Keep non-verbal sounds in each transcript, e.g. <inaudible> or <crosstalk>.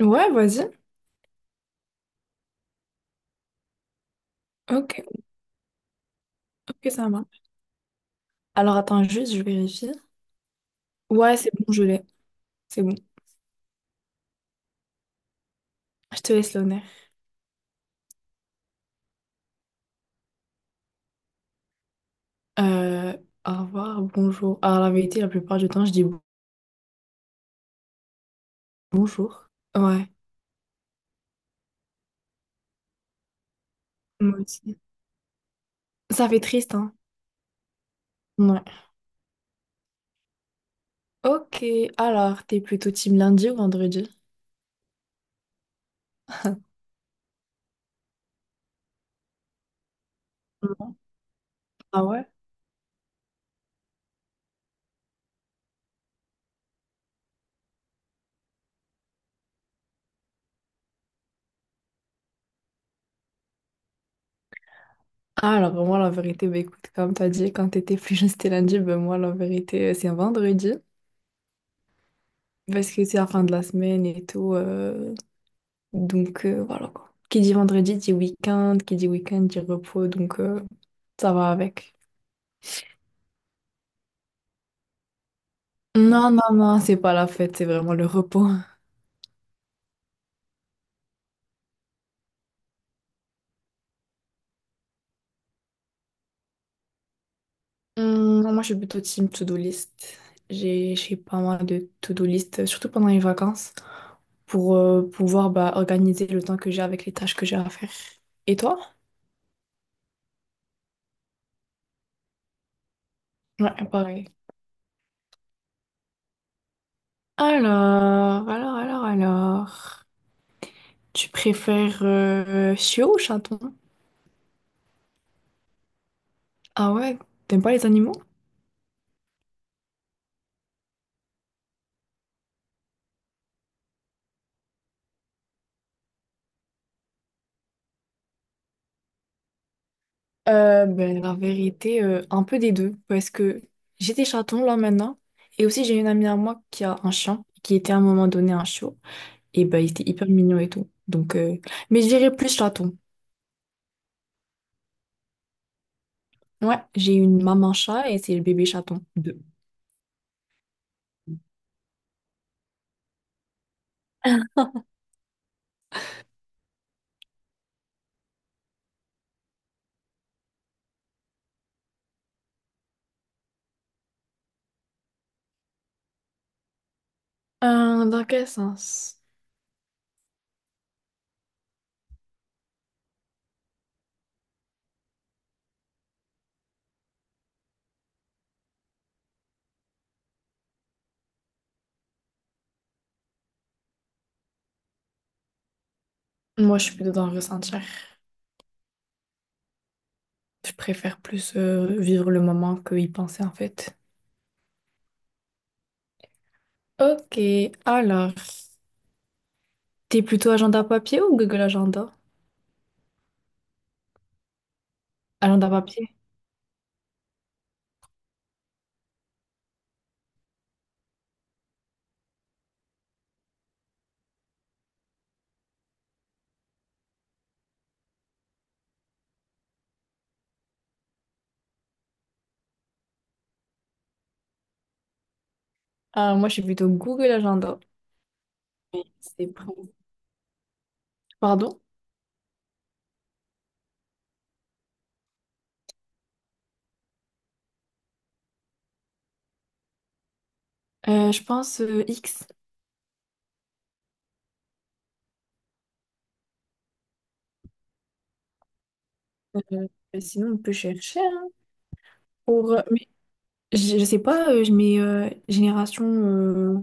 Ouais, vas-y. Ok, ok, ça marche. Alors attends juste, je vérifie. Ouais, c'est bon, je l'ai. C'est bon. Je te laisse l'honneur. Euh, Au revoir, bonjour. Alors la vérité, la plupart du temps, je dis bonjour. Ouais, moi aussi. Ça fait triste, hein? Ouais. Ok, alors, t'es plutôt team lundi ou vendredi? Non. Ah ouais? Ah, alors moi, la vérité, bah écoute, comme t'as dit, quand t'étais plus jeune, c'était lundi, ben moi, la vérité, c'est vendredi. Parce que c'est la fin de la semaine et tout. Donc voilà quoi. Qui dit vendredi dit week-end, qui dit week-end dit repos, donc ça va avec. Non, non, non, c'est pas la fête, c'est vraiment le repos. Moi, je suis plutôt team to-do list. J'ai pas mal de to-do list, surtout pendant les vacances, pour pouvoir bah, organiser le temps que j'ai avec les tâches que j'ai à faire. Et toi? Ouais, pareil. Alors, alors. Tu préfères chiot ou chaton? Ah ouais, t'aimes pas les animaux? Ben, la vérité, un peu des deux, parce que j'ai des chatons là maintenant, et aussi j'ai une amie à moi qui a un chien, qui était à un moment donné un chiot, et ben il était hyper mignon et tout. Donc, mais je dirais plus chaton. Ouais, j'ai une maman chat et c'est le bébé chaton. Deux. Dans quel sens? Moi, je suis plutôt dans le ressentir. Je préfère plus vivre le moment que y penser en fait. Ok, alors, t'es plutôt agenda papier ou Google Agenda? Agenda papier. Ah, moi, je suis plutôt Google Agenda. C'est vrai. Pardon? Je pense X. Euh, Sinon, on peut chercher, hein, pour... Mais je sais pas, je mets génération. euh,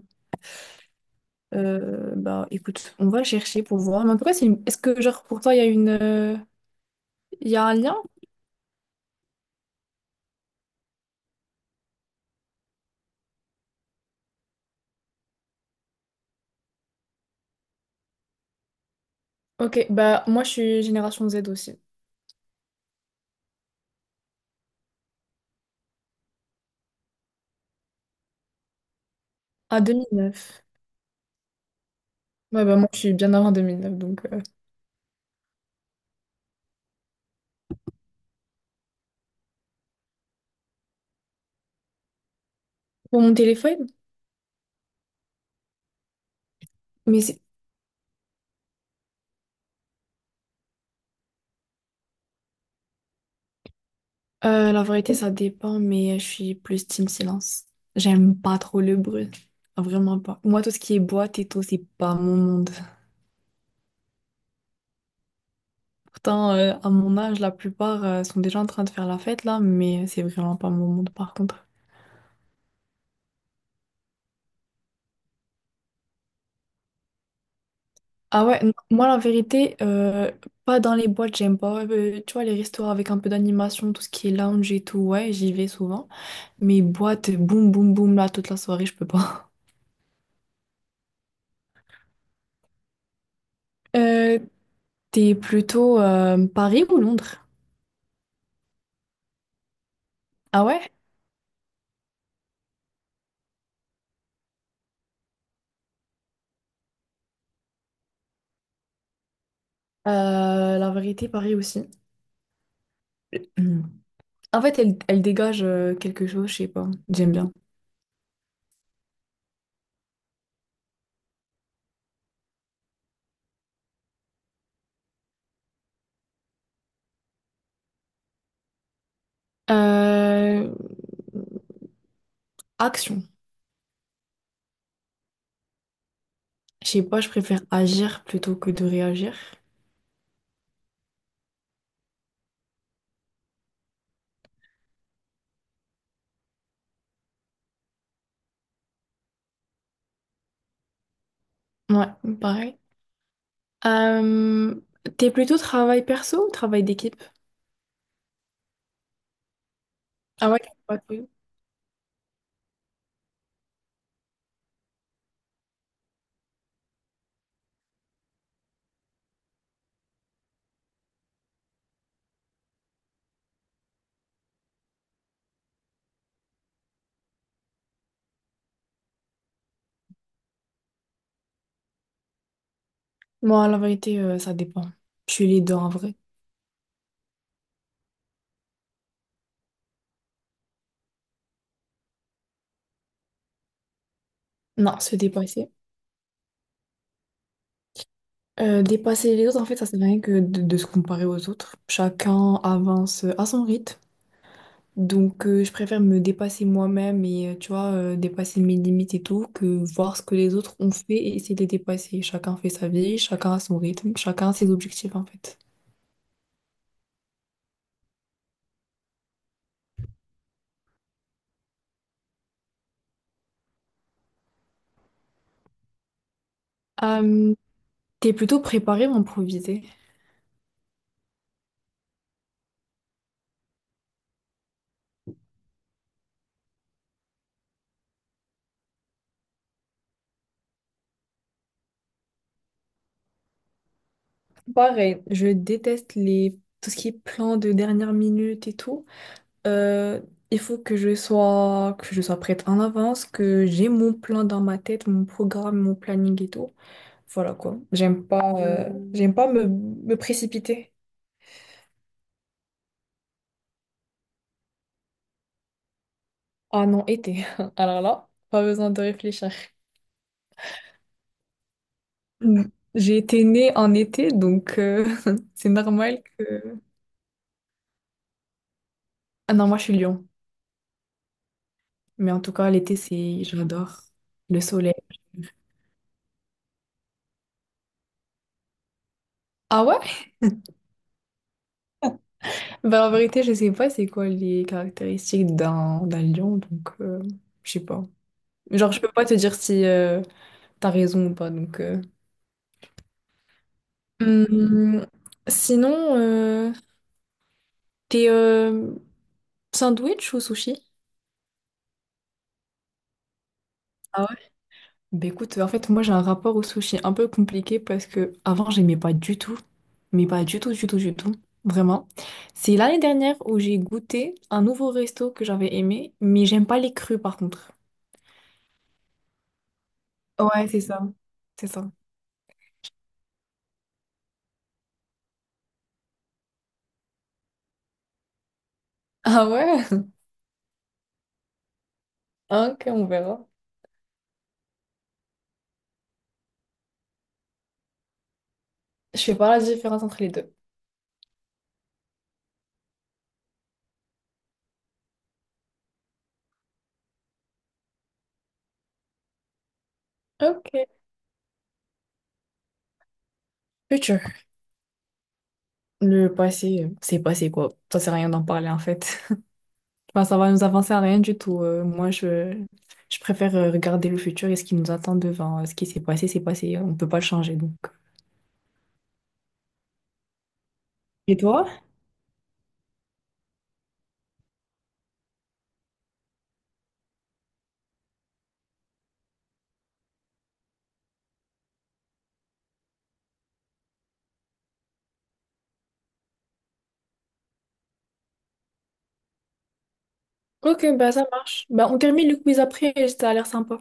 euh, Bah écoute, on va chercher pour voir. Mais en tout cas, est-ce que genre pour toi, il y a il y a un lien? Ok, bah moi je suis génération Z aussi. Ah, 2009. Ouais, bah moi je suis bien avant 2009 donc. Pour mon téléphone? Mais c'est. La vérité, ça dépend, mais je suis plus team silence. J'aime pas trop le bruit. Vraiment pas. Moi, tout ce qui est boîte et tout, c'est pas mon monde. Pourtant, à mon âge, la plupart sont déjà en train de faire la fête là, mais c'est vraiment pas mon monde par contre. Ah ouais, non, moi, la vérité, pas dans les boîtes, j'aime pas. Tu vois, les restaurants avec un peu d'animation, tout ce qui est lounge et tout, ouais, j'y vais souvent. Mais boîte, boum, boum, boum, là, toute la soirée, je peux pas. <laughs> Euh, T'es plutôt Paris ou Londres? Ah ouais? La vérité, pareil aussi. Mm. En fait, elle, elle dégage quelque chose, je sais pas. J'aime bien. Euh, Action. Je sais pas, je préfère agir plutôt que de réagir. Ouais, pareil. Euh, T'es plutôt travail perso ou travail d'équipe? Ah ouais, t'aimes pas trop. Moi, la vérité, ça dépend. Je suis les deux en vrai. Non, se dépasser. Dépasser les autres, en fait, ça sert à rien que de se comparer aux autres. Chacun avance à son rythme. Donc, je préfère me dépasser moi-même et, tu vois, dépasser mes limites et tout, que voir ce que les autres ont fait et essayer de les dépasser. Chacun fait sa vie, chacun a son rythme, chacun a ses objectifs, en fait. Euh, T'es plutôt préparé ou improvisé? Pareil, je déteste les... tout ce qui est plan de dernière minute et tout. Euh, il faut que je sois prête en avance, que j'ai mon plan dans ma tête, mon programme, mon planning et tout. Voilà quoi. J'aime pas me précipiter. Ah non, été. <laughs> Alors là, pas besoin de réfléchir. Mm. J'ai été née en été, donc <laughs> c'est normal que... Ah non, moi je suis Lyon. Mais en tout cas, l'été, c'est... J'adore le soleil. Ah ouais? Bah en vérité, je sais pas c'est quoi les caractéristiques d'un lion, donc je sais pas. Genre, je peux pas te dire si t'as raison ou pas, donc... Hum, sinon, t'es... sandwich ou sushi? Ah ouais? Bah écoute, en fait, moi j'ai un rapport au sushi un peu compliqué parce que avant j'aimais pas du tout, mais pas du tout, du tout, du tout, vraiment. C'est l'année dernière où j'ai goûté un nouveau resto que j'avais aimé, mais j'aime pas les crus par contre. Ouais, c'est ça. C'est ça. Ah ouais? Ah, ok, on verra. Je fais pas la différence entre les deux. Ok. Future. Le passé, c'est passé quoi. Ça sert à rien d'en parler en fait. Enfin, ça va nous avancer à rien du tout. Je préfère regarder le futur et ce qui nous attend devant. Ce qui s'est passé, c'est passé. On peut pas le changer, donc. Et toi? Ok, bah ça marche. Bah on termine le quiz après, ça a l'air sympa.